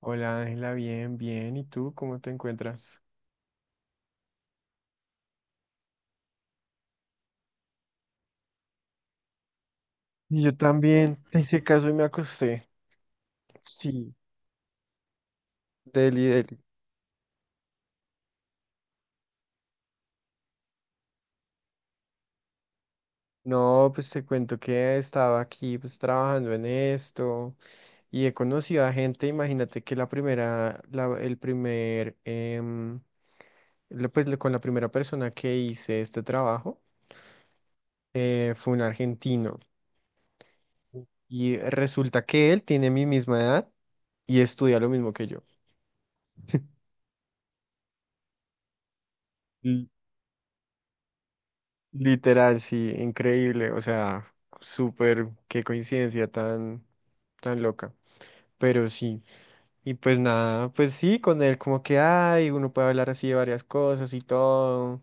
Hola Ángela, bien, bien. ¿Y tú cómo te encuentras? Yo también te hice caso y me acosté. Sí, Deli, Deli. No, pues te cuento que he estado aquí pues trabajando en esto y he conocido a gente, imagínate que la primera, la, el primer, em, la- pues la- con la primera persona que hice este trabajo fue un argentino y resulta que él tiene mi misma edad y estudia lo mismo que yo. Literal, sí, increíble, o sea, súper, qué coincidencia tan, tan loca, pero sí, y pues nada, pues sí, con él como que hay, uno puede hablar así de varias cosas y todo,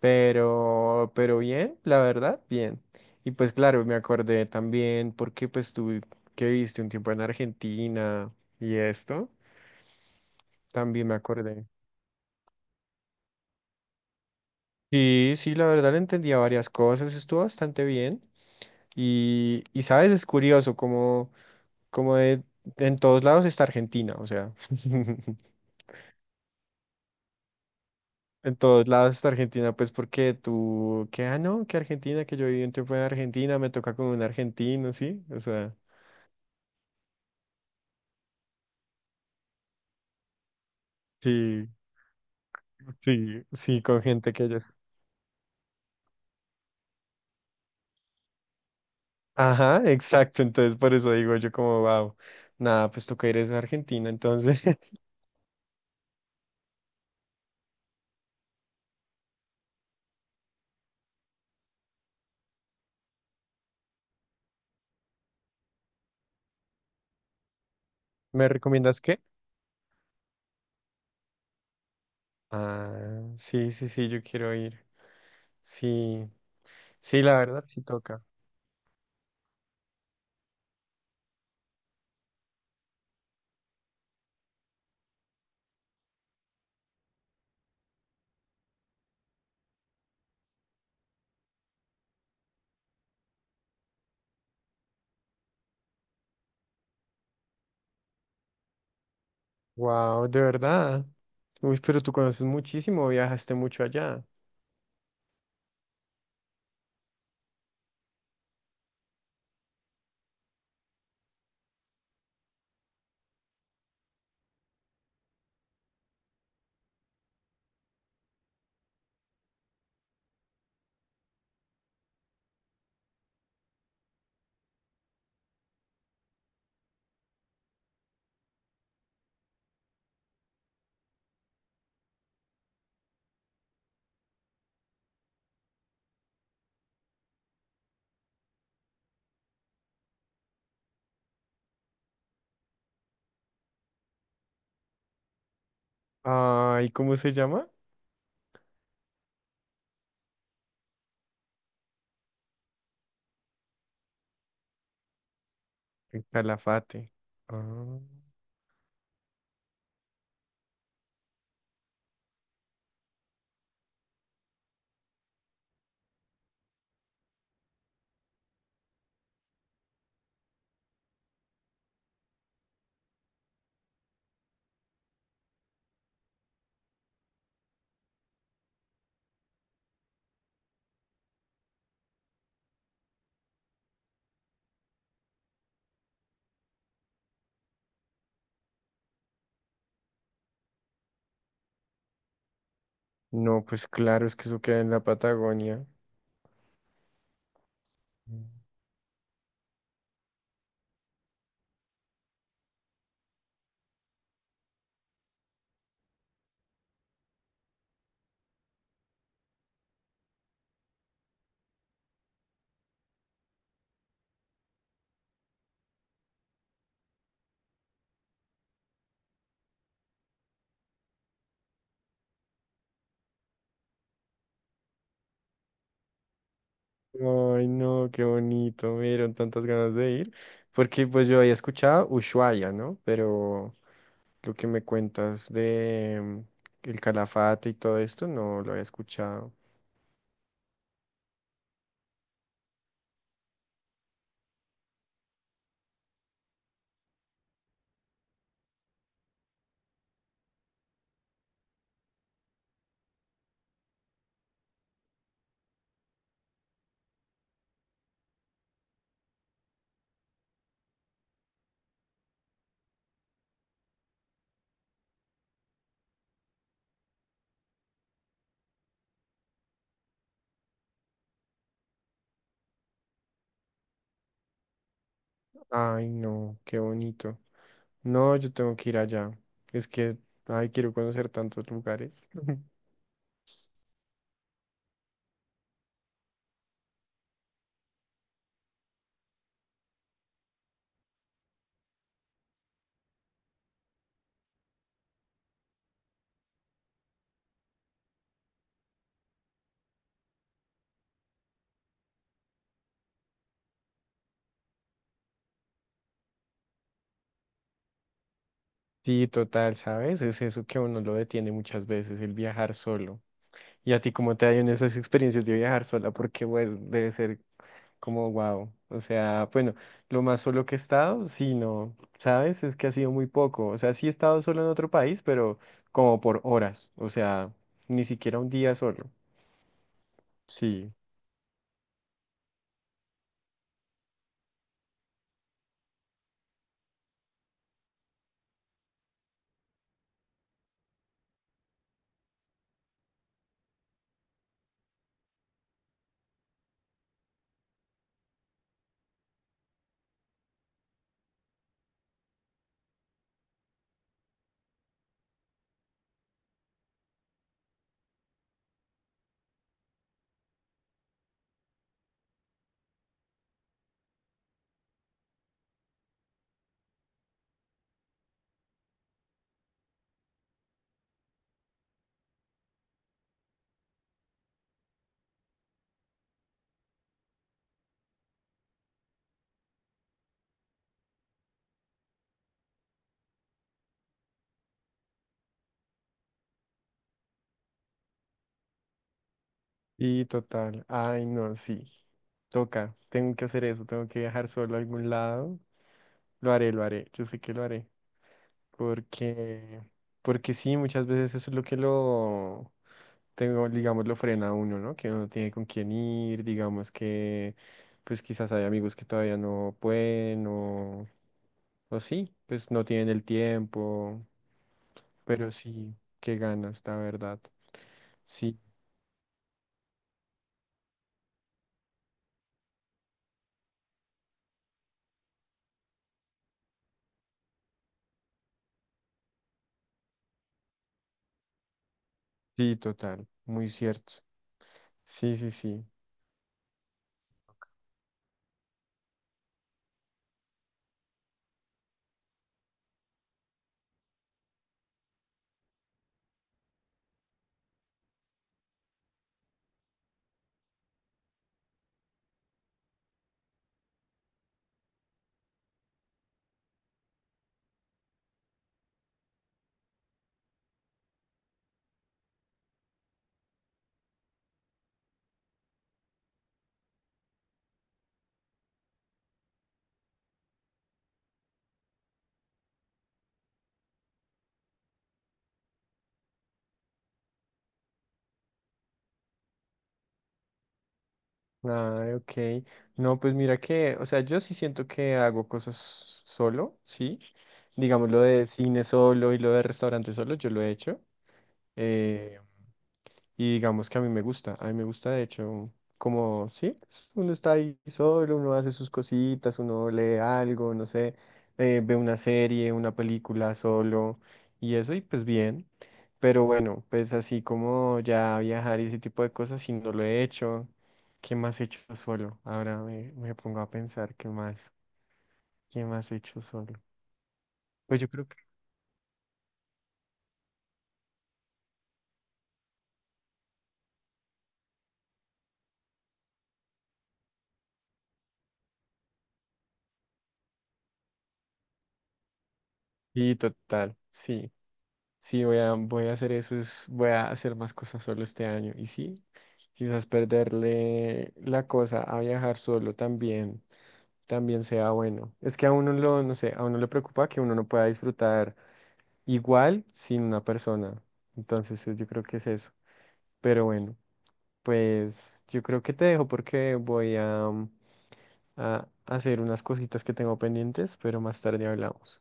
pero bien, la verdad, bien, y pues claro, me acordé también porque pues tú que viste un tiempo en Argentina y esto, también me acordé. Sí, sí, la verdad le entendía varias cosas, estuvo bastante bien. Y sabes, es curioso como en todos lados está Argentina, o sea, en todos lados está Argentina, pues porque tú, que, ah, no, que Argentina, que yo viví un tiempo en Argentina, me toca con un argentino, ¿sí? O sea, sí, sí, sí, con gente que ellos. Ajá, exacto, entonces por eso digo yo como, wow, nada, pues tú que eres de Argentina, entonces, ¿me recomiendas qué? Ah, sí, sí, sí, yo quiero ir, sí, sí, la verdad, sí toca. Wow, de verdad. Uy, pero tú conoces muchísimo, viajaste mucho allá. Ay, ¿cómo se llama? En Calafate. Ah, no, pues claro, es que eso queda en la Patagonia. Mm. Ay, no, qué bonito, me dieron tantas ganas de ir. Porque pues yo había escuchado Ushuaia, ¿no? Pero lo que me cuentas de el Calafate y todo esto, no lo había escuchado. Ay, no, qué bonito. No, yo tengo que ir allá. Es que, ay, quiero conocer tantos lugares. Sí, total, ¿sabes? Es eso que a uno lo detiene muchas veces, el viajar solo. ¿Y a ti cómo te ha ido en esas experiencias de viajar sola? Porque, bueno, debe ser como wow. O sea, bueno, lo más solo que he estado, sí, no, ¿sabes? Es que ha sido muy poco. O sea, sí he estado solo en otro país, pero como por horas. O sea, ni siquiera un día solo. Sí. Y total, ay no, sí, toca, tengo que hacer eso, tengo que viajar solo a algún lado, lo haré, yo sé que lo haré, porque, porque sí, muchas veces eso es lo que lo, tengo, digamos, lo frena a uno, ¿no? Que uno no tiene con quién ir, digamos que, pues quizás hay amigos que todavía no pueden, o sí, pues no tienen el tiempo, pero sí, qué ganas, la verdad. Sí, sí, total, muy cierto. Sí, sí, sí. Ah, ok. No, pues mira que, o sea, yo sí siento que hago cosas solo, ¿sí? Digamos lo de cine solo y lo de restaurante solo, yo lo he hecho. Eh, y digamos que a mí me gusta, a mí me gusta de hecho, como, sí, es- uno está ahí solo, uno hace sus cositas, uno lee algo, no sé, ve una serie, una película solo y eso y pues bien. Pero bueno, pues así como ya viajar y ese tipo de cosas, si no lo he hecho, ¿qué más he hecho solo? Ahora me, me pongo a pensar, ¿qué más? ¿Qué más he hecho solo? Pues yo creo que sí, total, sí. Sí, voy a, voy a hacer eso, es- voy a hacer más cosas solo este año. Y sí, quizás perderle la cosa a viajar solo también, también sea bueno. Es que a uno lo, no sé, a uno le preocupa que uno no pueda disfrutar igual sin una persona. Entonces, yo creo que es eso. Pero bueno, pues yo creo que te dejo porque voy a, a hacer unas cositas que tengo pendientes, pero más tarde hablamos.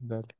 Dale.